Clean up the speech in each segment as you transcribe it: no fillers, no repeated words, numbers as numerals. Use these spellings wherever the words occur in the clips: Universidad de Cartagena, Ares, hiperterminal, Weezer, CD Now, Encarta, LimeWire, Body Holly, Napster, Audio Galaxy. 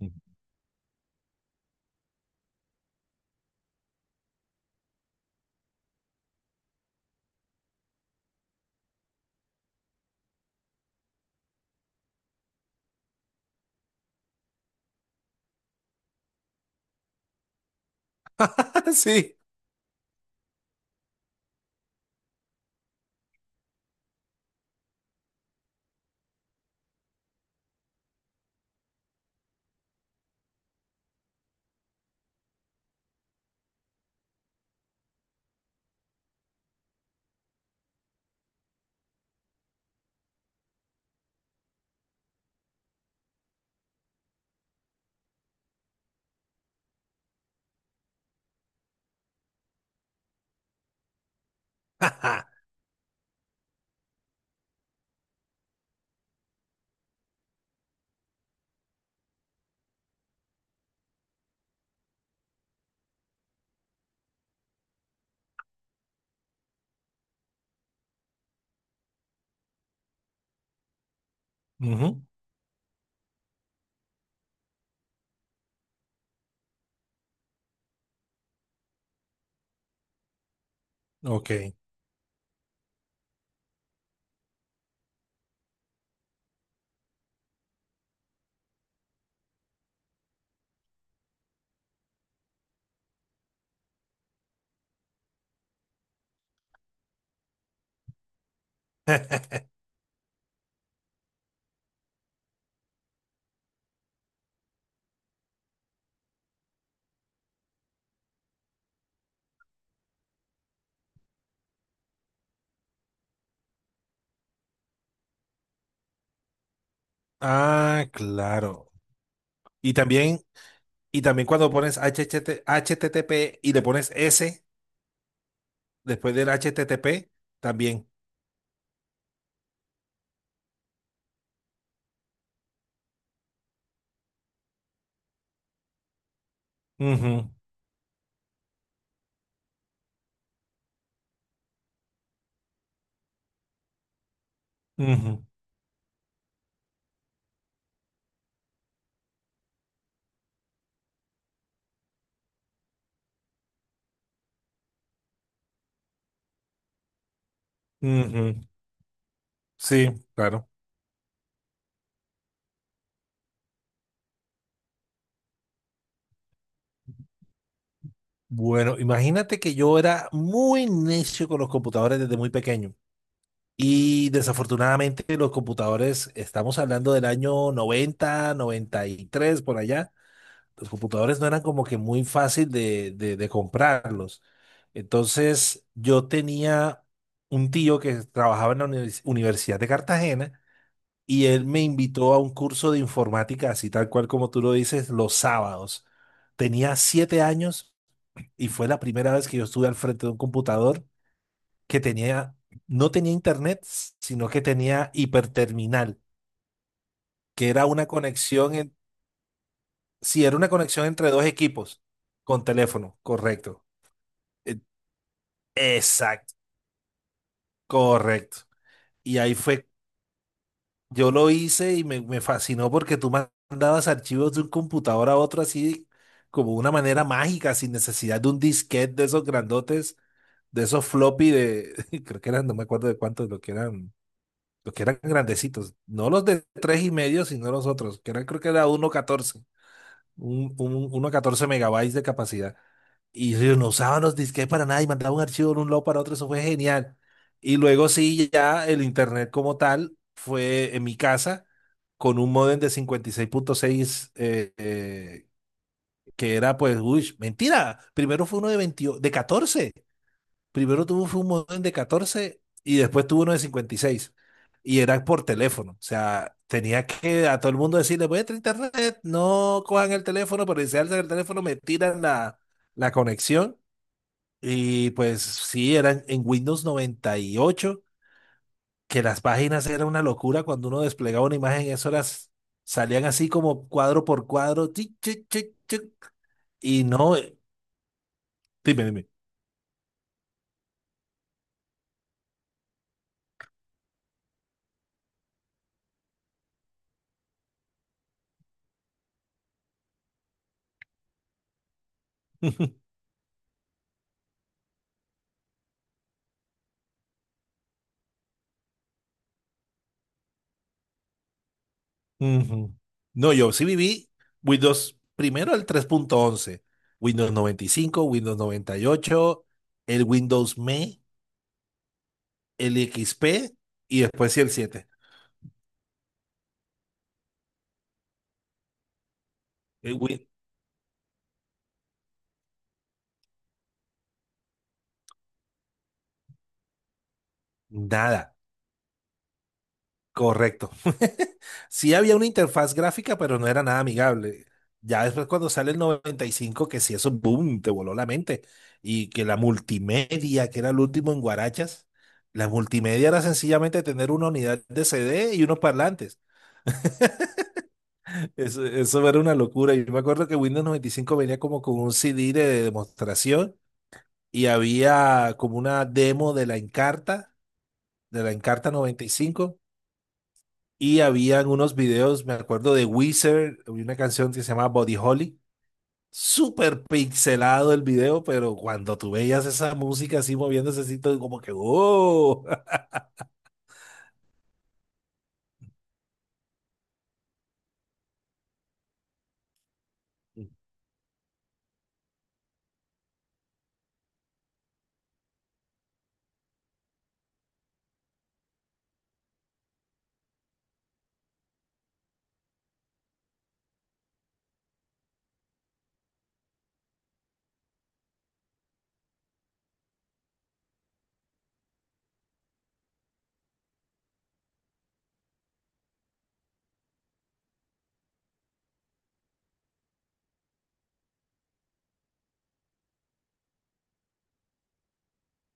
Sí. Ujú, Ok. Ah, claro. Y también, y también cuando pones h t t p y le pones S después del h t t p también. Ujú, ujú, ujú. Sí, claro. Bueno, imagínate que yo era muy necio con los computadores desde muy pequeño. Y desafortunadamente los computadores, estamos hablando del año noventa, noventa y tres por allá. Los computadores no eran como que muy fácil de comprarlos. Entonces, yo tenía un tío que trabajaba en la Universidad de Cartagena y él me invitó a un curso de informática, así tal cual como tú lo dices, los sábados. Tenía siete años y fue la primera vez que yo estuve al frente de un computador que no tenía internet, sino que tenía hiperterminal, que era una sí, era una conexión entre dos equipos con teléfono, correcto. Eh, Exacto, correcto. Y ahí fue, yo lo hice y me fascinó porque tú mandabas archivos de un computador a otro así, como una manera mágica, sin necesidad de un disquete de esos grandotes, de esos floppy creo que eran, no me acuerdo de cuántos, lo que eran grandecitos, no los de tres y medio, sino los otros, que eran creo que era uno punto catorce uno a 14 megabytes de capacidad. Y ellos no usaban los disquetes para nada y mandaban un archivo de un lado para otro, eso fue genial. Y luego sí, ya el internet como tal fue en mi casa con un modem de cincuenta y seis punto seis que era pues, uy, mentira, primero fue uno de 20 de catorce. Primero tuvo fue un modem de 14 y después tuvo uno de cincuenta y seis, y era por teléfono. O sea, tenía que a todo el mundo decirle, voy a entrar a internet, no cojan el teléfono, pero si alzan el teléfono me tiran la conexión. Y pues sí, eran en Windows noventa y ocho, que las páginas eran una locura. Cuando uno desplegaba una imagen, eso las salían así como cuadro por cuadro, tic, tic, tic, tic. Y no, dime, dime. Ujú. No, yo sí viví Windows, primero el tres punto once, Windows 95, Windows 98, el Windows ME, el XP y después sí el 7. El Win- Nada, correcto. Sí había una interfaz gráfica, pero no era nada amigable. Ya después cuando sale el 95, que sí, eso, boom, te voló la mente. Y que la multimedia, que era el último en Guarachas, la multimedia era sencillamente tener una unidad de CD y unos parlantes. Eso era una locura. Yo me acuerdo que Windows 95 venía como con un CD de demostración y había como una demo de la Encarta 95, y cinco, y habían unos videos, me acuerdo de Weezer, había una canción que se llama Body Holly. Súper pixelado el video, pero cuando tú veías esa música así moviéndose así, todo como que ¡oh!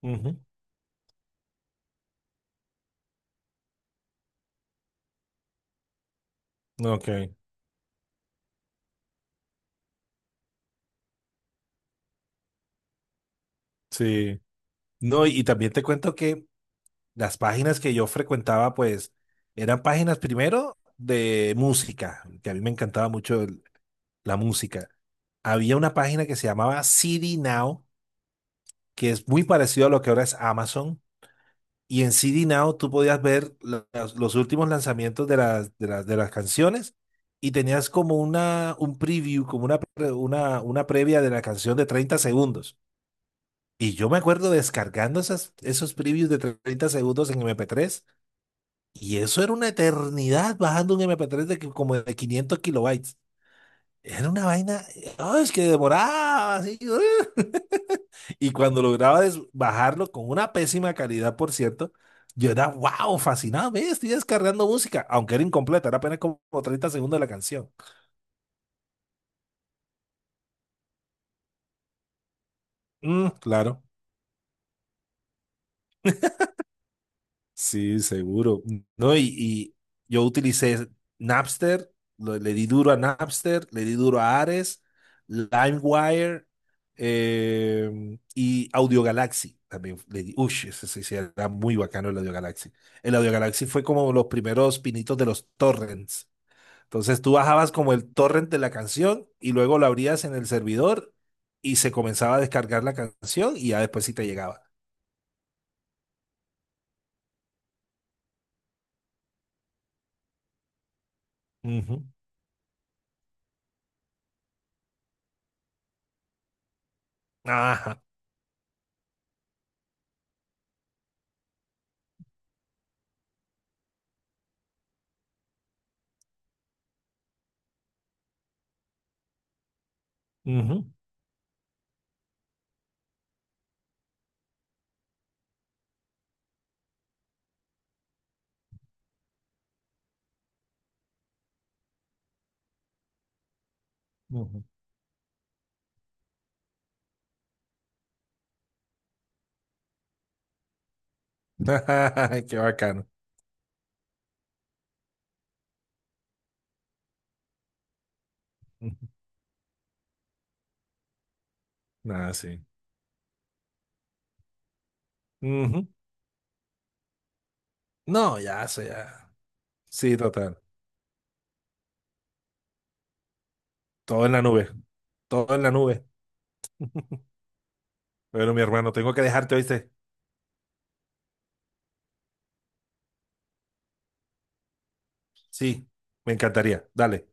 Ujú, Ok, sí. No, y también te cuento que las páginas que yo frecuentaba, pues, eran páginas primero de música, que a mí me encantaba mucho la música. Había una página que se llamaba CD Now, que es muy parecido a lo que ahora es Amazon. Y en CD Now tú podías ver los últimos lanzamientos de de las canciones, y tenías como un preview, como una previa de la canción de 30 segundos. Y yo me acuerdo descargando esos previews de 30 segundos en MP3. Y eso era una eternidad bajando un MP3 de que- como de 500 kilobytes. Era una vaina, ah, es que demoraba así. Y cuando lograba bajarlo con una pésima calidad, por cierto, yo era, wow, fascinado, ve, estoy descargando música, aunque era incompleta, era apenas como 30 segundos de la canción. Mm, claro. Sí, seguro. No, yo utilicé Napster, le di duro a Napster, le di duro a Ares, LimeWire, y Audio Galaxy. También le di, uy, ese sí, sí, era muy bacano el Audio Galaxy. El Audio Galaxy fue como los primeros pinitos de los torrents. Entonces tú bajabas como el torrent de la canción y luego lo abrías en el servidor, y se comenzaba a descargar la canción y ya después sí te llegaba. Ujú. Ajá. Ujú, ujú. Qué bacano. Nada, sí. Ujú. No, ya, eso ya. Sí, total. Todo en la nube. Todo en la nube. Bueno, mi hermano, tengo que dejarte, ¿oíste? Sí, me encantaría. Dale.